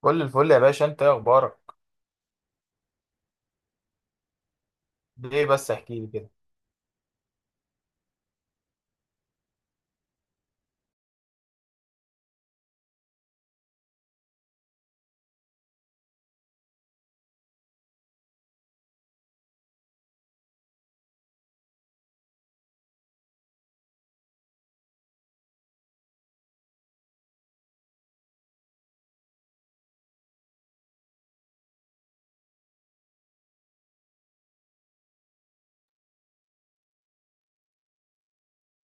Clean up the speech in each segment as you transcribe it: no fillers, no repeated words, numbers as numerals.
كل الفل يا باشا، انت ايه اخبارك؟ ليه بس؟ احكي لي كده.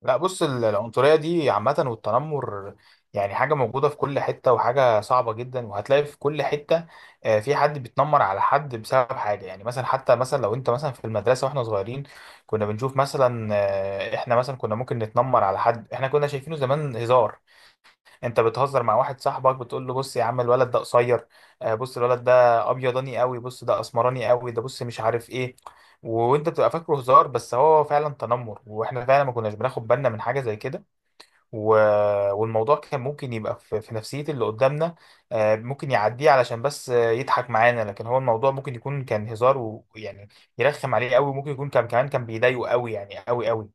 لا بص، العنصريه دي عامه والتنمر، يعني حاجه موجوده في كل حته وحاجه صعبه جدا وهتلاقي في كل حته. في حد بيتنمر على حد بسبب حاجه، يعني مثلا، حتى مثلا لو انت مثلا في المدرسه واحنا صغيرين كنا بنشوف مثلا، احنا مثلا كنا ممكن نتنمر على حد احنا كنا شايفينه زمان هزار. انت بتهزر مع واحد صاحبك بتقول له بص يا عم الولد ده قصير، بص الولد ده ابيضاني قوي، بص ده اسمراني قوي، ده بص مش عارف ايه. وانت بتبقى فاكره هزار بس هو فعلا تنمر، واحنا فعلا ما كناش بناخد بالنا من حاجه زي كده. و... والموضوع كان ممكن يبقى في نفسيه اللي قدامنا، ممكن يعديه علشان بس يضحك معانا، لكن هو الموضوع ممكن يكون كان هزار ويعني يرخم عليه قوي، ممكن يكون كان كمان كان بيضايقه قوي يعني قوي قوي.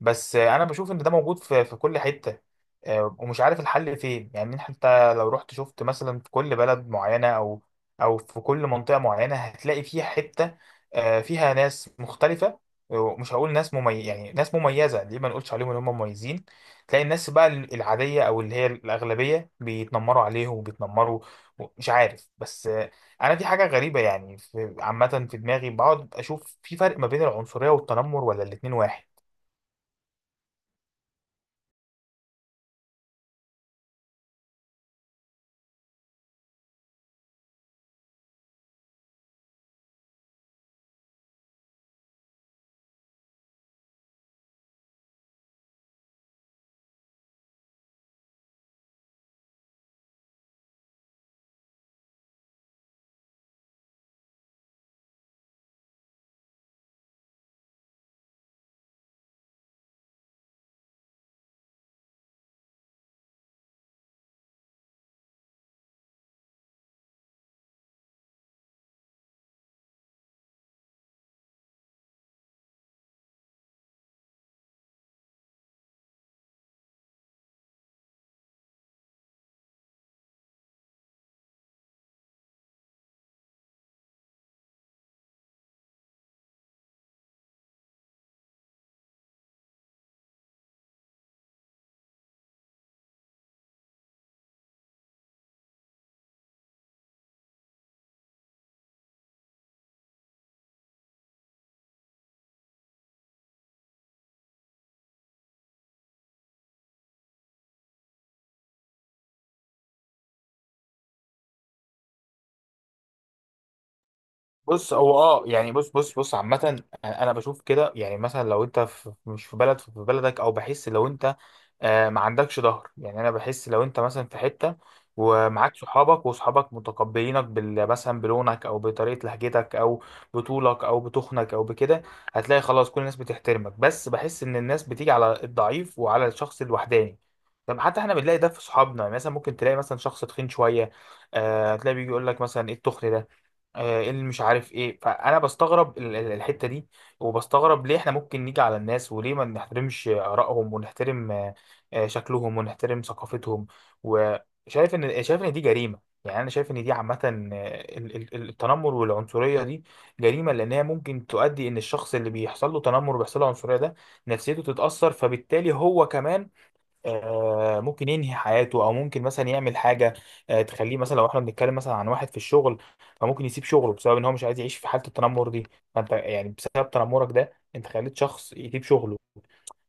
بس انا بشوف ان ده موجود في كل حته، ومش عارف الحل فين، يعني حتى لو رحت شفت مثلا في كل بلد معينه او او في كل منطقه معينه هتلاقي فيها حته، فيها ناس مختلفه. ومش هقول ناس مميز، يعني ناس مميزه، ليه ما نقولش عليهم ان هم مميزين. تلاقي الناس بقى العاديه او اللي هي الاغلبيه بيتنمروا عليهم وبيتنمروا مش عارف، بس انا في حاجه غريبه يعني في عامه في دماغي، بقعد اشوف في فرق ما بين العنصريه والتنمر ولا الاتنين واحد؟ بص، هو اه يعني، بص عامة انا بشوف كده، يعني مثلا لو انت في مش في بلد في بلدك، او بحس لو انت آه ما عندكش ظهر، يعني انا بحس لو انت مثلا في حتة ومعاك صحابك وصحابك متقبلينك بال مثلا بلونك او بطريقة لهجتك او بطولك او بتخنك او بكده، هتلاقي خلاص كل الناس بتحترمك. بس بحس ان الناس بتيجي على الضعيف وعلى الشخص الوحداني. طب حتى احنا بنلاقي ده في صحابنا، يعني مثلا ممكن تلاقي مثلا شخص تخين شوية، هتلاقي بيجي يقول لك مثلا ايه التخن ده، إيه اللي مش عارف ايه. فانا بستغرب الحته دي، وبستغرب ليه احنا ممكن نيجي على الناس وليه ما نحترمش ارائهم ونحترم شكلهم ونحترم ثقافتهم. وشايف ان شايف ان دي جريمه، يعني انا شايف ان دي عامه، التنمر والعنصريه دي جريمه، لانها ممكن تؤدي ان الشخص اللي بيحصل له تنمر وبيحصل له عنصريه ده نفسيته تتاثر، فبالتالي هو كمان ممكن ينهي حياته او ممكن مثلا يعمل حاجه تخليه، مثلا لو احنا بنتكلم مثلا عن واحد في الشغل، فممكن يسيب شغله بسبب ان هو مش عايز يعيش في حاله التنمر دي. فانت يعني بسبب تنمرك ده انت خليت شخص يسيب شغله.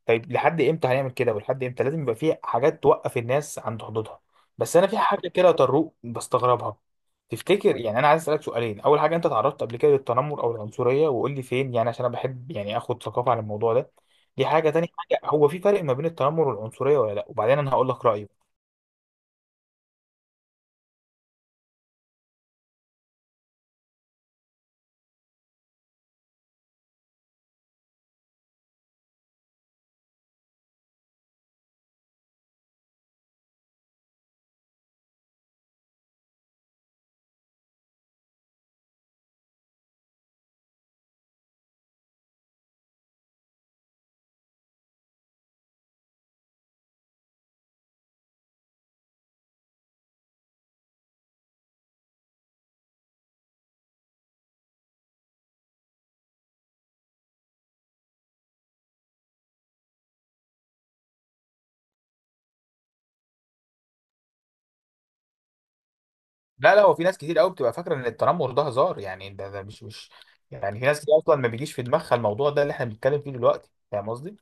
طيب لحد امتى هنعمل كده؟ ولحد امتى؟ لازم يبقى في حاجات توقف الناس عند حدودها. بس انا في حاجه كده يا طروق بستغربها. تفتكر، يعني انا عايز اسالك سؤالين. اول حاجه، انت تعرضت قبل كده للتنمر او العنصريه؟ وقول لي فين، يعني عشان انا بحب يعني اخد ثقافه عن الموضوع ده. دي حاجه. تاني حاجه، هو في فرق ما بين التنمر والعنصريه ولا لا؟ وبعدين انا هقول لك رايي. لا لا، هو في ناس كتير قوي بتبقى فاكره ان التنمر ده هزار، يعني ده مش يعني، في ناس كتير اصلا ما بيجيش في دماغها الموضوع ده اللي احنا بنتكلم فيه دلوقتي. فاهم قصدي؟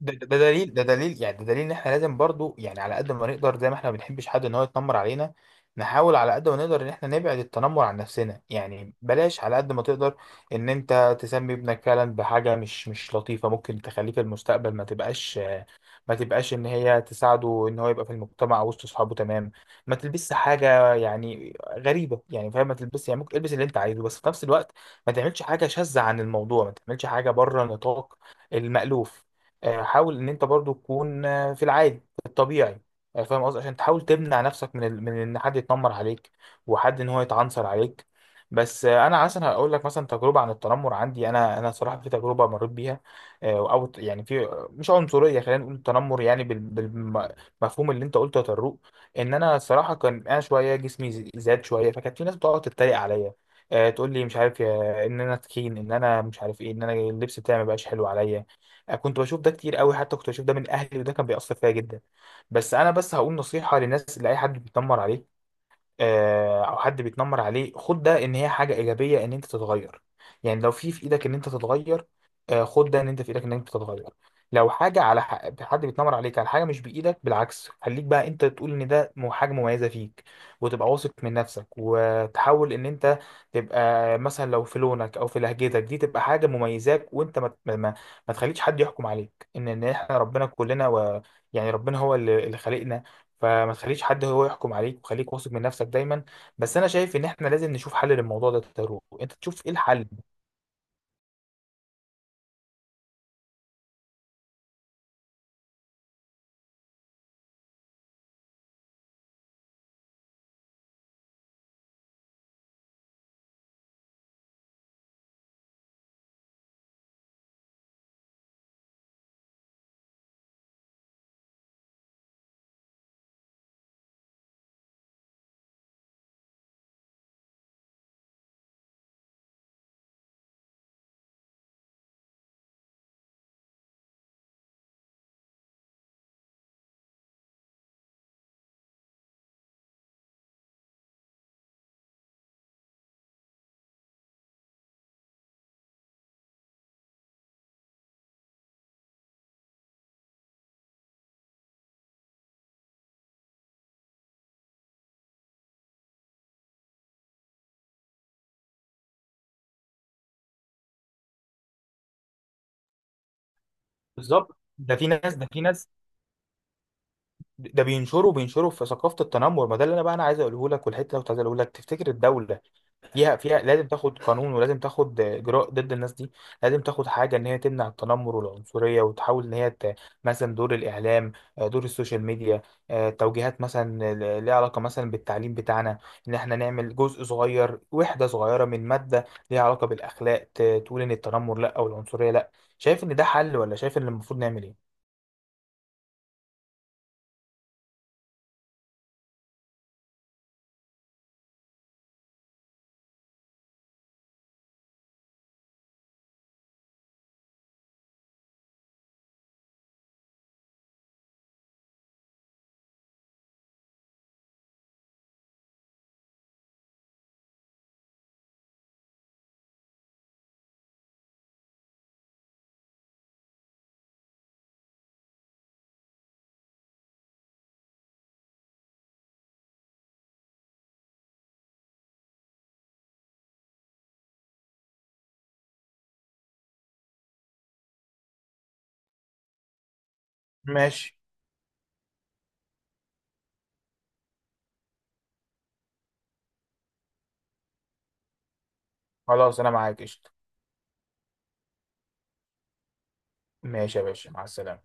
ده دليل، ده دليل ان احنا لازم برضو يعني على قد ما نقدر، زي ما احنا ما بنحبش حد ان هو يتنمر علينا، نحاول على قد ما نقدر ان احنا نبعد التنمر عن نفسنا. يعني بلاش على قد ما تقدر ان انت تسمي ابنك فعلا بحاجة مش لطيفة ممكن تخليه في المستقبل، ما تبقاش ان هي تساعده ان هو يبقى في المجتمع وسط اصحابه. تمام؟ ما تلبسش حاجه يعني غريبه، يعني فاهم، ما تلبسش يعني، ممكن البس اللي انت عايزه بس في نفس الوقت ما تعملش حاجه شاذه عن الموضوع، ما تعملش حاجه بره نطاق المألوف. حاول ان انت برضو تكون في العادي، في الطبيعي. فاهم قصدي؟ عشان تحاول تمنع نفسك من ان حد يتنمر عليك، وحد ان هو يتعنصر عليك. بس انا مثلا هقول لك مثلا تجربه عن التنمر عندي انا. انا صراحه في تجربه مريت بيها، او يعني في مش عنصريه، خلينا نقول تنمر، يعني بالمفهوم اللي انت قلته يا طروق. ان انا الصراحه كان انا شويه جسمي زاد شويه، فكانت في ناس بتقعد تتريق عليا، تقول لي مش عارف ان انا تخين، ان انا مش عارف ايه، ان انا اللبس بتاعي ما بقاش حلو عليا. كنت بشوف ده كتير قوي، حتى كنت بشوف ده من اهلي وده كان بيأثر فيا جدا. بس انا بس هقول نصيحه للناس، لاي حد بيتنمر عليك، او حد بيتنمر عليه، خد ده ان هي حاجه ايجابيه ان انت تتغير. يعني لو في ايدك ان انت تتغير، خد ده ان انت في ايدك ان انت تتغير. لو حاجه على حد بيتنمر عليك على حاجه مش بايدك، بالعكس خليك بقى انت تقول ان ده حاجه مميزه فيك، وتبقى واثق من نفسك، وتحاول ان انت تبقى مثلا لو في لونك او في لهجتك دي تبقى حاجه مميزاك، وانت ما ما تخليش حد يحكم عليك. ان احنا ربنا كلنا و، يعني ربنا هو اللي خلقنا. فما تخليش حد هو يحكم عليك، وخليك واثق من نفسك دايما. بس انا شايف ان احنا لازم نشوف حل للموضوع ده. تارو، انت تشوف ايه الحل؟ بالظبط، ده في ناس بينشروا، بينشروا في ثقافة التنمر. ما ده اللي انا بقى انا عايز اقوله لك، والحته اللي كنت عايز اقوله لك، تفتكر الدولة فيها لازم تاخد قانون ولازم تاخد اجراء ضد الناس دي؟ لازم تاخد حاجه ان هي تمنع التنمر والعنصريه، وتحاول ان هي مثلا دور الاعلام، دور السوشيال ميديا، توجيهات مثلا ليها علاقه مثلا بالتعليم بتاعنا، ان احنا نعمل جزء صغير، وحده صغيره من ماده ليها علاقه بالاخلاق، تقول ان التنمر لا او العنصريه لا. شايف ان ده حل؟ ولا شايف ان المفروض نعمل ايه؟ ماشي. خلاص انا معاك، قشطه. ماشي يا باشا، مع السلامه.